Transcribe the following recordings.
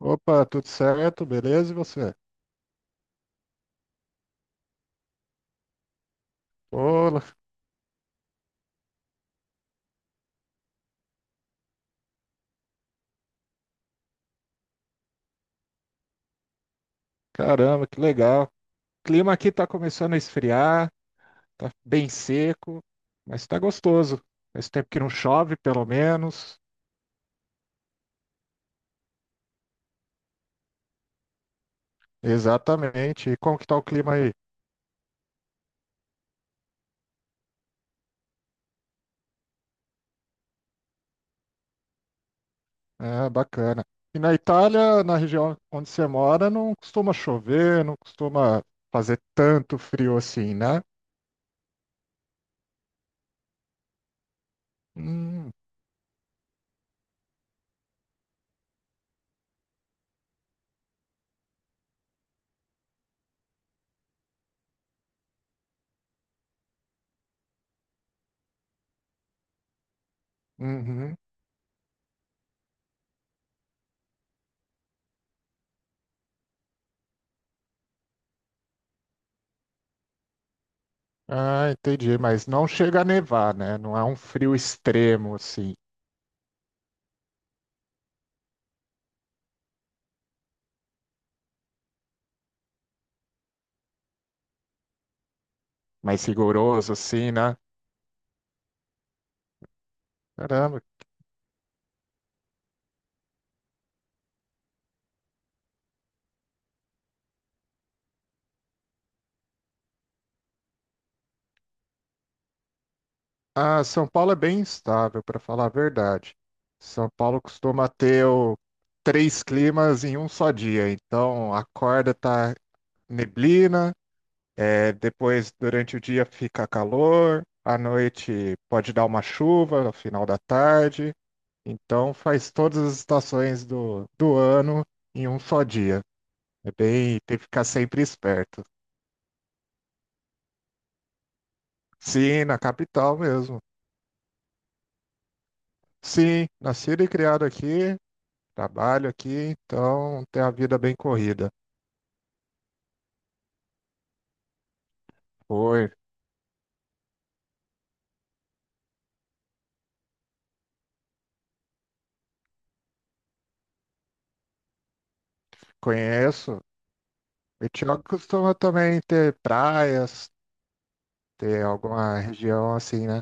Opa, tudo certo? Beleza? E você? Olá, caramba, que legal. O clima aqui tá começando a esfriar, tá bem seco, mas tá gostoso. Faz tempo que não chove, pelo menos. Exatamente. E como que tá o clima aí? Ah, bacana. E na Itália, na região onde você mora, não costuma chover, não costuma fazer tanto frio assim, né? Hum, uhum. Ah, entendi. Mas não chega a nevar, né? Não é um frio extremo assim. Mais rigoroso, assim, né? Caramba. Ah, São Paulo é bem instável, para falar a verdade. São Paulo costuma ter três climas em um só dia. Então, acorda, tá neblina, depois, durante o dia, fica calor, à noite pode dar uma chuva, no final da tarde. Então, faz todas as estações do ano em um só dia. É bem, tem que ficar sempre esperto. Sim, na capital mesmo. Sim, nascido e criado aqui, trabalho aqui, então tem a vida bem corrida. Foi, conheço. Etiópolis costuma também ter praias, ter alguma região assim, né?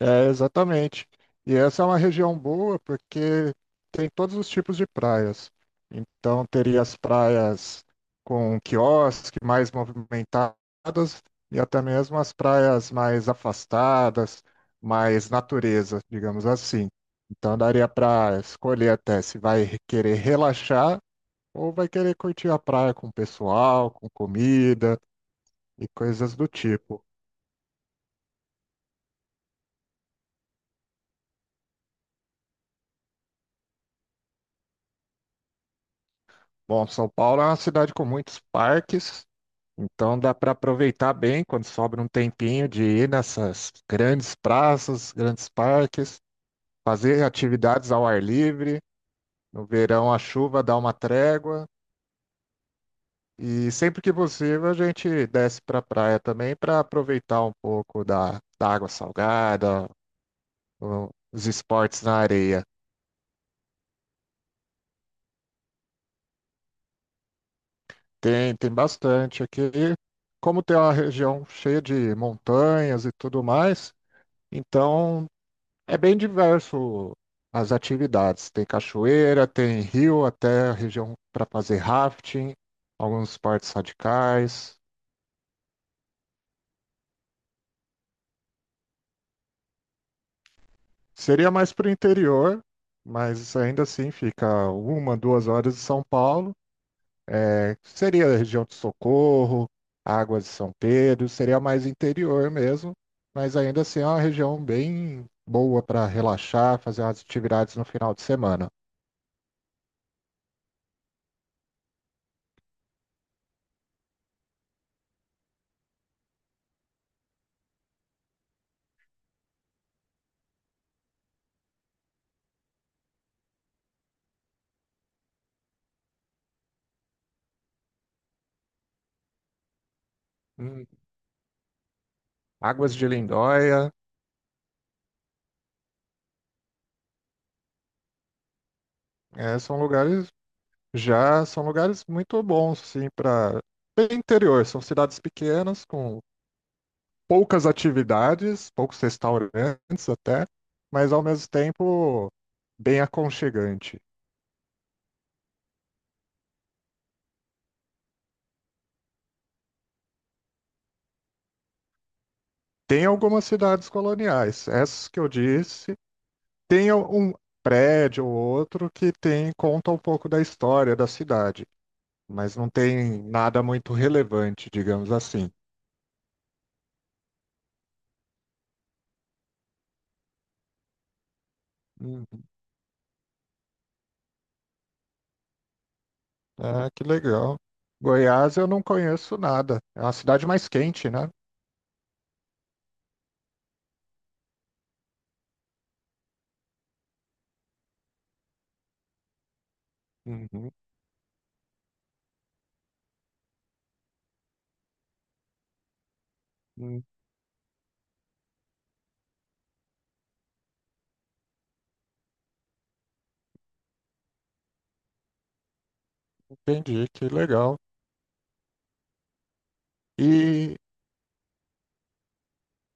É, exatamente. E essa é uma região boa porque tem todos os tipos de praias. Então, teria as praias com quiosque mais movimentadas e até mesmo as praias mais afastadas, mais natureza, digamos assim. Então, daria para escolher até se vai querer relaxar ou vai querer curtir a praia com o pessoal, com comida e coisas do tipo. Bom, São Paulo é uma cidade com muitos parques. Então dá para aproveitar bem quando sobra um tempinho de ir nessas grandes praças, grandes parques, fazer atividades ao ar livre. No verão a chuva dá uma trégua e sempre que possível a gente desce para a praia também para aproveitar um pouco da água salgada, os esportes na areia. Tem, tem bastante aqui. Como tem uma região cheia de montanhas e tudo mais, então é bem diverso as atividades. Tem cachoeira, tem rio, até a região para fazer rafting, alguns partes radicais. Seria mais para o interior, mas ainda assim fica uma, duas horas de São Paulo. É, seria a região de Socorro, Águas de São Pedro, seria mais interior mesmo, mas ainda assim é uma região bem boa para relaxar, fazer umas atividades no final de semana. Hum, Águas de Lindóia. É, são lugares. Já são lugares muito bons, sim, para interior. São cidades pequenas, com poucas atividades, poucos restaurantes até, mas ao mesmo tempo bem aconchegante. Tem algumas cidades coloniais, essas que eu disse. Tem um prédio ou outro que tem conta um pouco da história da cidade, mas não tem nada muito relevante, digamos assim. Hum, Ah, que legal. Goiás eu não conheço nada. É uma cidade mais quente, né? Uhum, uhum, entendi, que legal. E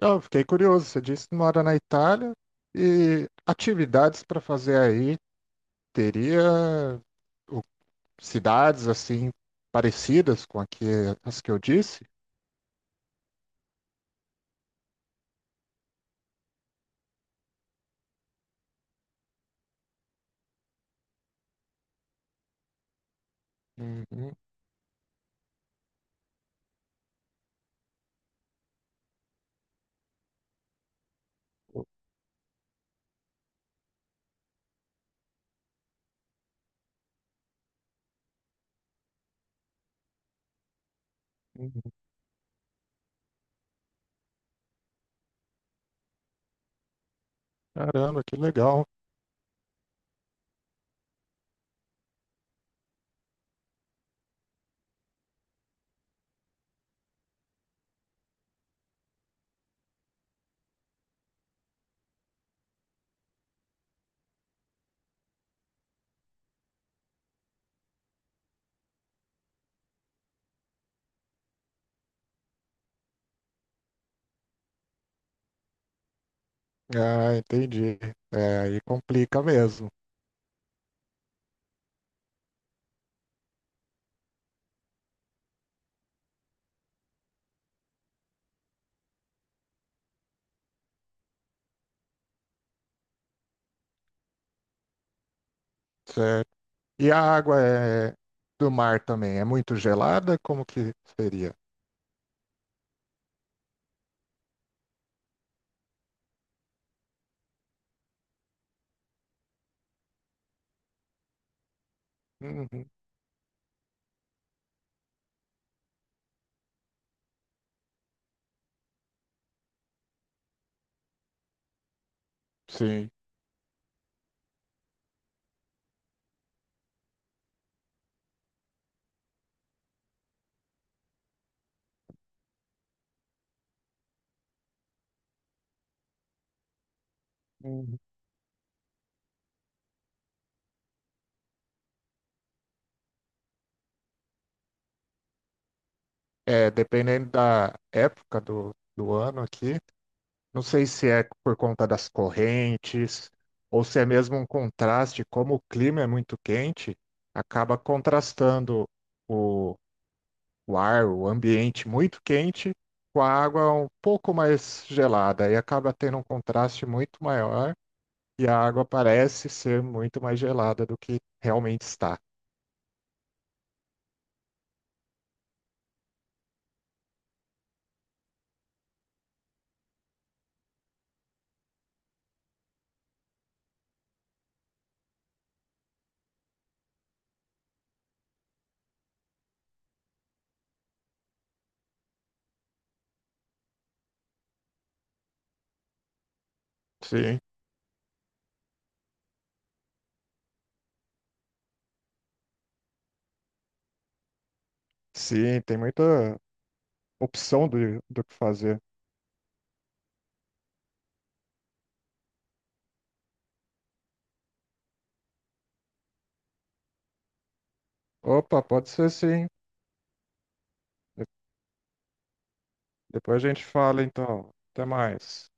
eu fiquei curioso, você disse que mora na Itália e atividades para fazer aí teria o- cidades assim parecidas com a que, as que eu disse? Uhum, uhum. Caramba, que legal. Ah, entendi. É, aí complica mesmo. Certo. E a água é do mar também é muito gelada? Como que seria? Uhum, sim. Uhum. É, dependendo da época do ano aqui, não sei se é por conta das correntes ou se é mesmo um contraste, como o clima é muito quente, acaba contrastando o, o ar, o ambiente muito quente com a água um pouco mais gelada e acaba tendo um contraste muito maior e a água parece ser muito mais gelada do que realmente está. Sim, sim, tem muita opção do que fazer. Opa, pode ser sim. De- depois a gente fala então. Até mais.